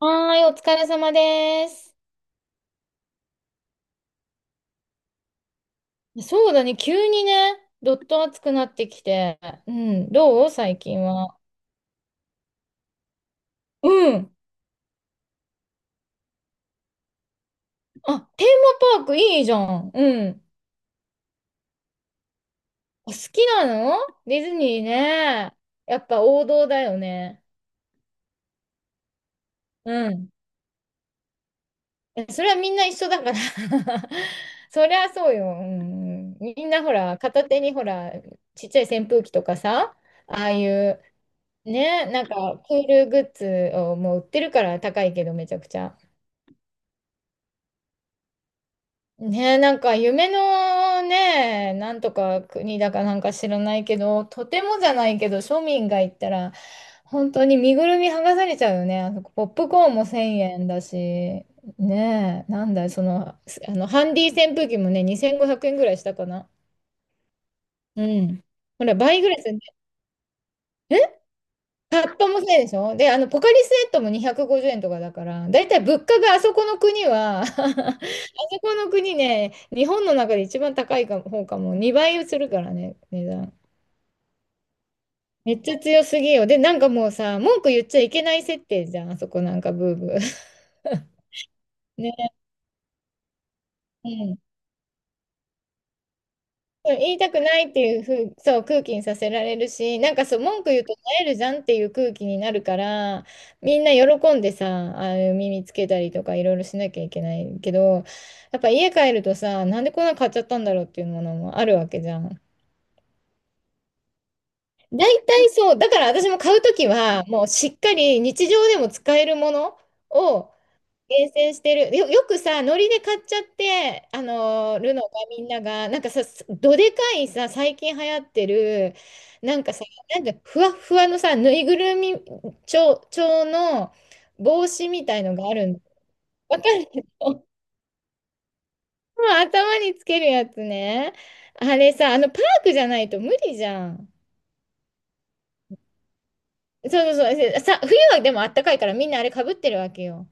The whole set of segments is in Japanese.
はーい、お疲れ様です。そうだね、急にね、どっと暑くなってきて。うん、どう最近は？うん。あ、テーマパークいいじゃん。うん。お好きなのディズニーね。やっぱ王道だよね。うん。え、それはみんな一緒だから そりゃそうよ。うん。うん、みんなほら、片手にほら、ちっちゃい扇風機とかさ、ああいう、ね、なんかクールグッズをもう売ってるから高いけどめちゃくちゃ。ねえ、なんか夢のね、なんとか国だかなんか知らないけど、とてもじゃないけど、庶民が行ったら、本当に身ぐるみ剥がされちゃうよね。あそこポップコーンも1000円だし、ねえ、なんだ、その、ハンディ扇風機もね、2500円ぐらいしたかな。うん。ほら、倍ぐらいするね、タッパもそうでしょ。で、ポカリスエットも250円とかだから、だいたい物価があそこの国は あそこの国ね、日本の中で一番高いか方かも、2倍するからね、値段。めっちゃ強すぎよ。で、なんかもうさ、文句言っちゃいけない設定じゃん、あそこなんかブーブー。ね、うん、言いたくないっていうふう、そう、空気にさせられるし、なんかそう、文句言うと萎えるじゃんっていう空気になるから、みんな喜んでさ、ああいう耳つけたりとかいろいろしなきゃいけないけど、やっぱ家帰るとさ、なんでこんなの買っちゃったんだろうっていうものもあるわけじゃん。大体そう、だから私も買うときは、もうしっかり日常でも使えるものを厳選してる。よくさ、ノリで買っちゃって、るのがみんなが、なんかさ、すどでかいさ、最近流行ってる、なんかさ、なんかふわっふわのさ、ぬいぐるみ調の帽子みたいのがあるの。わかる 頭につけるやつね。あれさ、あの、パークじゃないと無理じゃん。そうそうそう。さ、冬はでもあったかいからみんなあれかぶってるわけよ。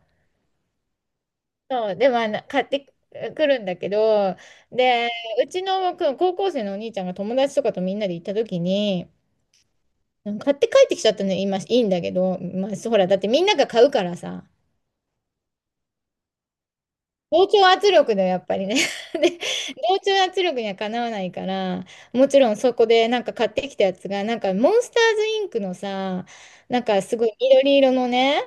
そう、でもあの買ってくるんだけど、で、うちのく高校生のお兄ちゃんが友達とかとみんなで行った時に、買って帰ってきちゃったのよ、今いいんだけど、まあ、そうほら、だってみんなが買うからさ、同調圧力だよ、やっぱりね。で、同調圧力にはかなわないから、もちろんそこでなんか買ってきたやつが、なんかモンスターズインクのさ、なんかすごい緑色のね、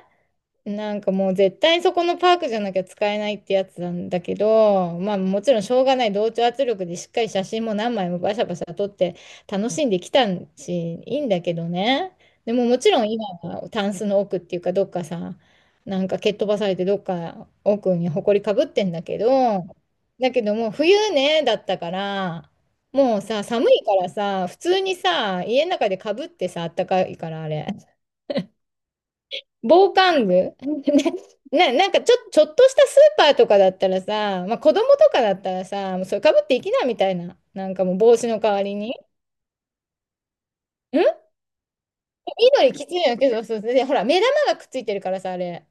なんかもう絶対そこのパークじゃなきゃ使えないってやつなんだけど、まあもちろんしょうがない同調圧力でしっかり写真も何枚もバシャバシャ撮って楽しんできたし、いいんだけどね。でももちろん今はタンスの奥っていうかどっかさ、なんか蹴っ飛ばされてどっか奥に埃かぶってんだけど、だけどもう冬ね、だったから、もうさ、寒いからさ、普通にさ、家の中でかぶってさ、あったかいからあれ。防寒具 ね、なんかちょっとしたスーパーとかだったらさ、まあ、子供とかだったらさ、もうそれかぶっていきなみたいな。なんかもう帽子の代わりに。ん、緑きついんやけど、そうそうで、ほら、目玉がくっついてるからさ、あれ。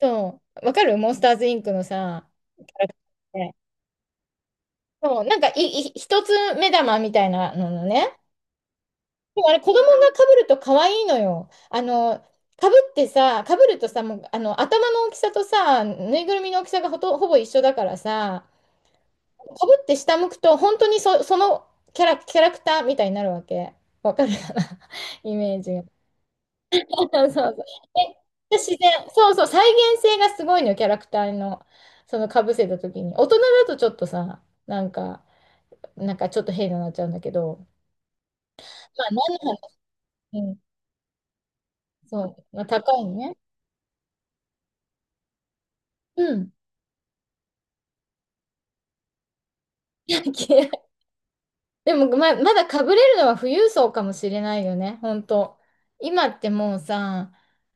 そう。わかるモンスターズインクのさ、キャラクターって、そう、なんか一つ目玉みたいなののね。でもあれ、子供がかぶると可愛いのよ。あの、かぶってさ、かぶるとさ、もう、あの、頭の大きさとさ、ぬいぐるみの大きさがほぼ一緒だからさ、かぶって下向くと、本当にそのキャラクターみたいになるわけ。わかるかな イメージが。そうそう。で、自然、そうそう、再現性がすごいのよ、キャラクターの、そのかぶせた時に。大人だとちょっとさ、なんか、なんかちょっと変になっちゃうんだけど、まあ、何の話、うん、そう、まあ、高いね。うん。野球でも、まだ被れるのは富裕層かもしれないよね、本当。今ってもうさ、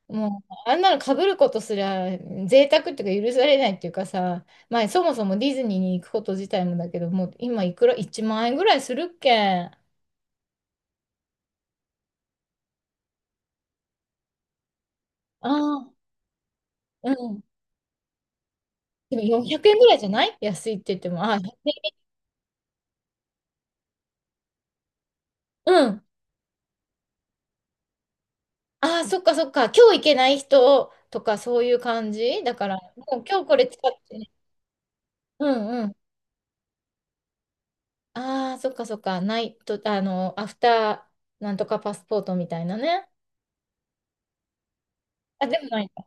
もうあんなの被ることすら贅沢っていうか許されないっていうかさ、まあそもそもディズニーに行くこと自体もだけど、もう今いくら、1万円ぐらいするっけ。ああ、うん。でも400円ぐらいじゃない、安いって言っても。ああ、ひゃくえん、うん。ああ、そっかそっか。今日行けない人とかそういう感じだから、もう今日これ使ってね。うん。ああ、そっかそっか。ないと、あの、アフターなんとかパスポートみたいなね。あ、でもないんだ。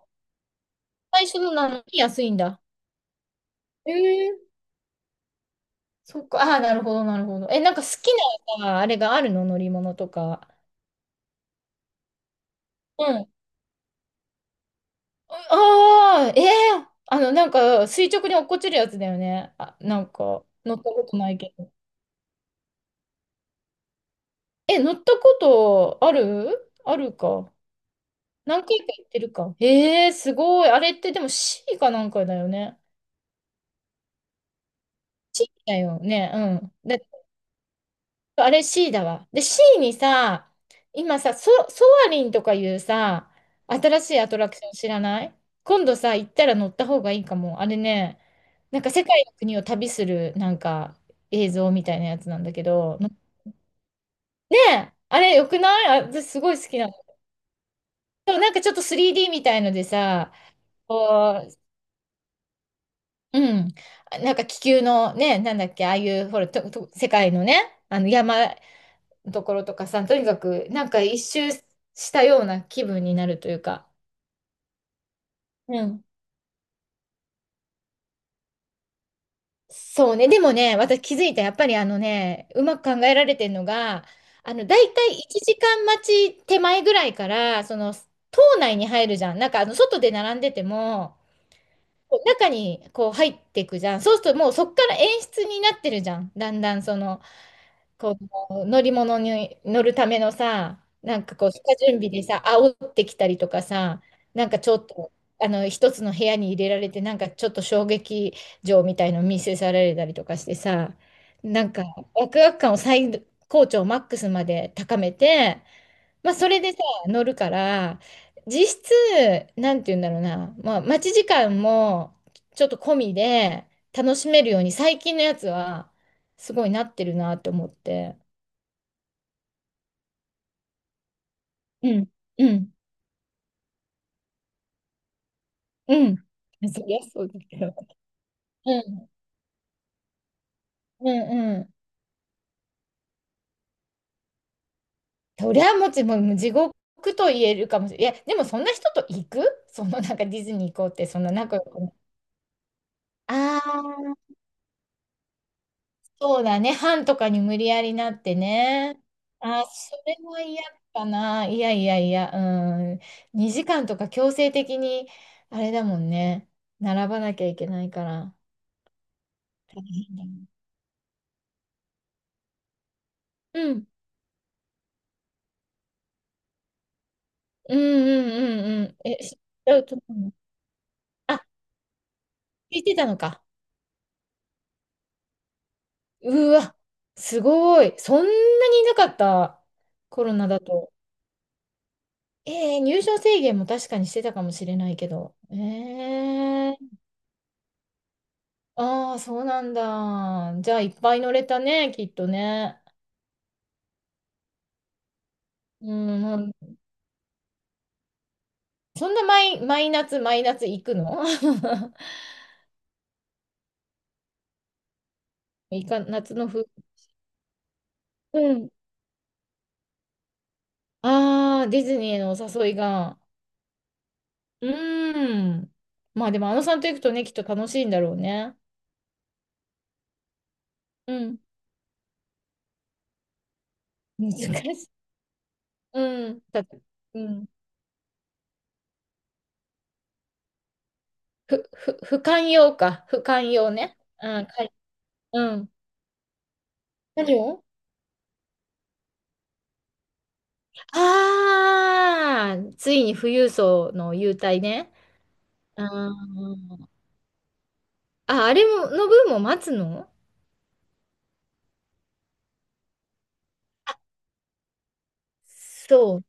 最初のなのに安いんだ。ええ、そっか。ああ、なるほど、なるほど。え、なんか好きな、あれがあるの乗り物とか。うん。ああ、ええ、あの、なんか、垂直に落っこちるやつだよね。あ、なんか、乗ったことないけど。え、乗ったことあるあるか。何回か行ってるか。ええ、すごい。あれってでも C かなんかだよね。C だよね。うん。だ、あれ C だわ。で、C にさ、今さ、ソアリンとかいうさ、新しいアトラクション知らない？今度さ、行ったら乗った方がいいかも。あれね、なんか世界の国を旅する、なんか映像みたいなやつなんだけど、ねえ、あれよくない？あ、私すごい好きなの。でもなんかちょっと 3D みたいのでさ、こう、うん、なんか気球のね、なんだっけ、ああいう、ほら、世界のね、あの山、ところとかさ、とにかくなんか一周したような気分になるというか。うん。そうね。でもね、私気づいた。やっぱりあのね、うまく考えられてるのが、あの、だいたい1時間待ち手前ぐらいから、その、島内に入るじゃん。なんかあの、外で並んでても、こう中にこう入っていくじゃん。そうするともうそっから演出になってるじゃん。だんだんその、こう乗り物に乗るためのさ、なんかこう下準備でさ、煽ってきたりとかさ、なんかちょっとあの一つの部屋に入れられて、なんかちょっと衝撃場みたいの見せされたりとかしてさ、なんかワクワク感を最高潮マックスまで高めて、まあそれでさ、乗るから、実質、なんて言うんだろうな、まあ待ち時間もちょっと込みで楽しめるように最近のやつは、すごいなってるなって思って。うん、うん、うん。そりゃそうだけど。うん、うん、うん。そりゃもち、もう地獄と言えるかもしれない。いや、でもそんな人と行く、そのなんかディズニー行こうって、そんな仲良くな、ああ、そうだね。班とかに無理やりなってね。ああ、それは嫌かな。いやいやいや、うん。2時間とか強制的に、あれだもんね。並ばなきゃいけないから。うん。うん。うん。うん。うん。え、知っちゃうと思う。聞いてたのか。うわ、すごい。そんなにいなかった。コロナだと。えー、入場制限も確かにしてたかもしれないけど。えー、ああ、そうなんだ。じゃあ、いっぱい乗れたね、きっとね。うん、もうそんな毎夏、毎夏行くの？ いか、夏の風。うん。ああ、ディズニーのお誘いが。うーん。まあでも、あのさんと行くとね、きっと楽しいんだろうね。うん。難しい。うん、うん、不寛容か、不寛容ね。うん、かい、うん。何を。ああー、ついに富裕層の優待ね。あー、あ、あれも、の分も待つの？そ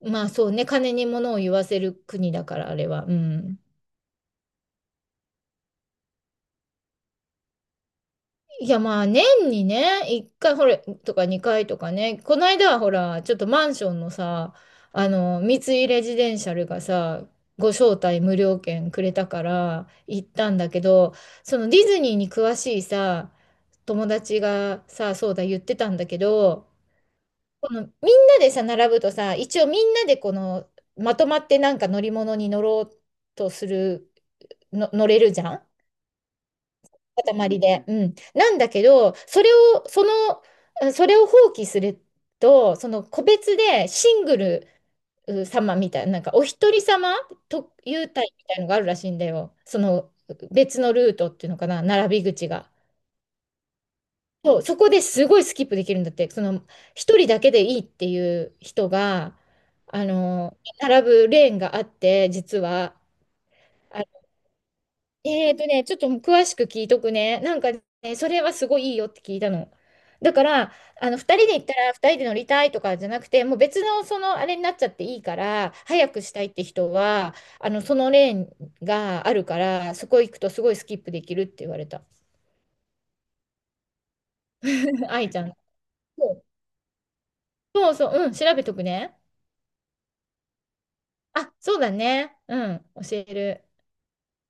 う。まあそうね、金に物を言わせる国だから、あれは。うん。いやまあ年にね、1回ほらとか2回とかね、この間はほら、ちょっとマンションのさ、あの、三井レジデンシャルがさ、ご招待無料券くれたから行ったんだけど、そのディズニーに詳しいさ、友達がさ、そうだ言ってたんだけど、このみんなでさ、並ぶとさ、一応みんなでこの、まとまってなんか乗り物に乗ろうとする、の乗れるじゃん、塊で。うん。なんだけど、それを、その、それを放棄すると、その個別でシングルう様みたいな、なんかお一人様と優待みたいのがあるらしいんだよ。その別のルートっていうのかな、並び口が。そう、そこですごいスキップできるんだって、その一人だけでいいっていう人が、あの、並ぶレーンがあって、実は。えーとね、ちょっと詳しく聞いとくね。なんかね、それはすごいいいよって聞いたの。だから、あの、2人で行ったら2人で乗りたいとかじゃなくて、もう別のそのあれになっちゃっていいから、早くしたいって人は、あの、そのレーンがあるから、そこ行くとすごいスキップできるって言われた。愛ちゃん。そうそうそう、うん、調べとくね。あ、そうだね。うん、教える。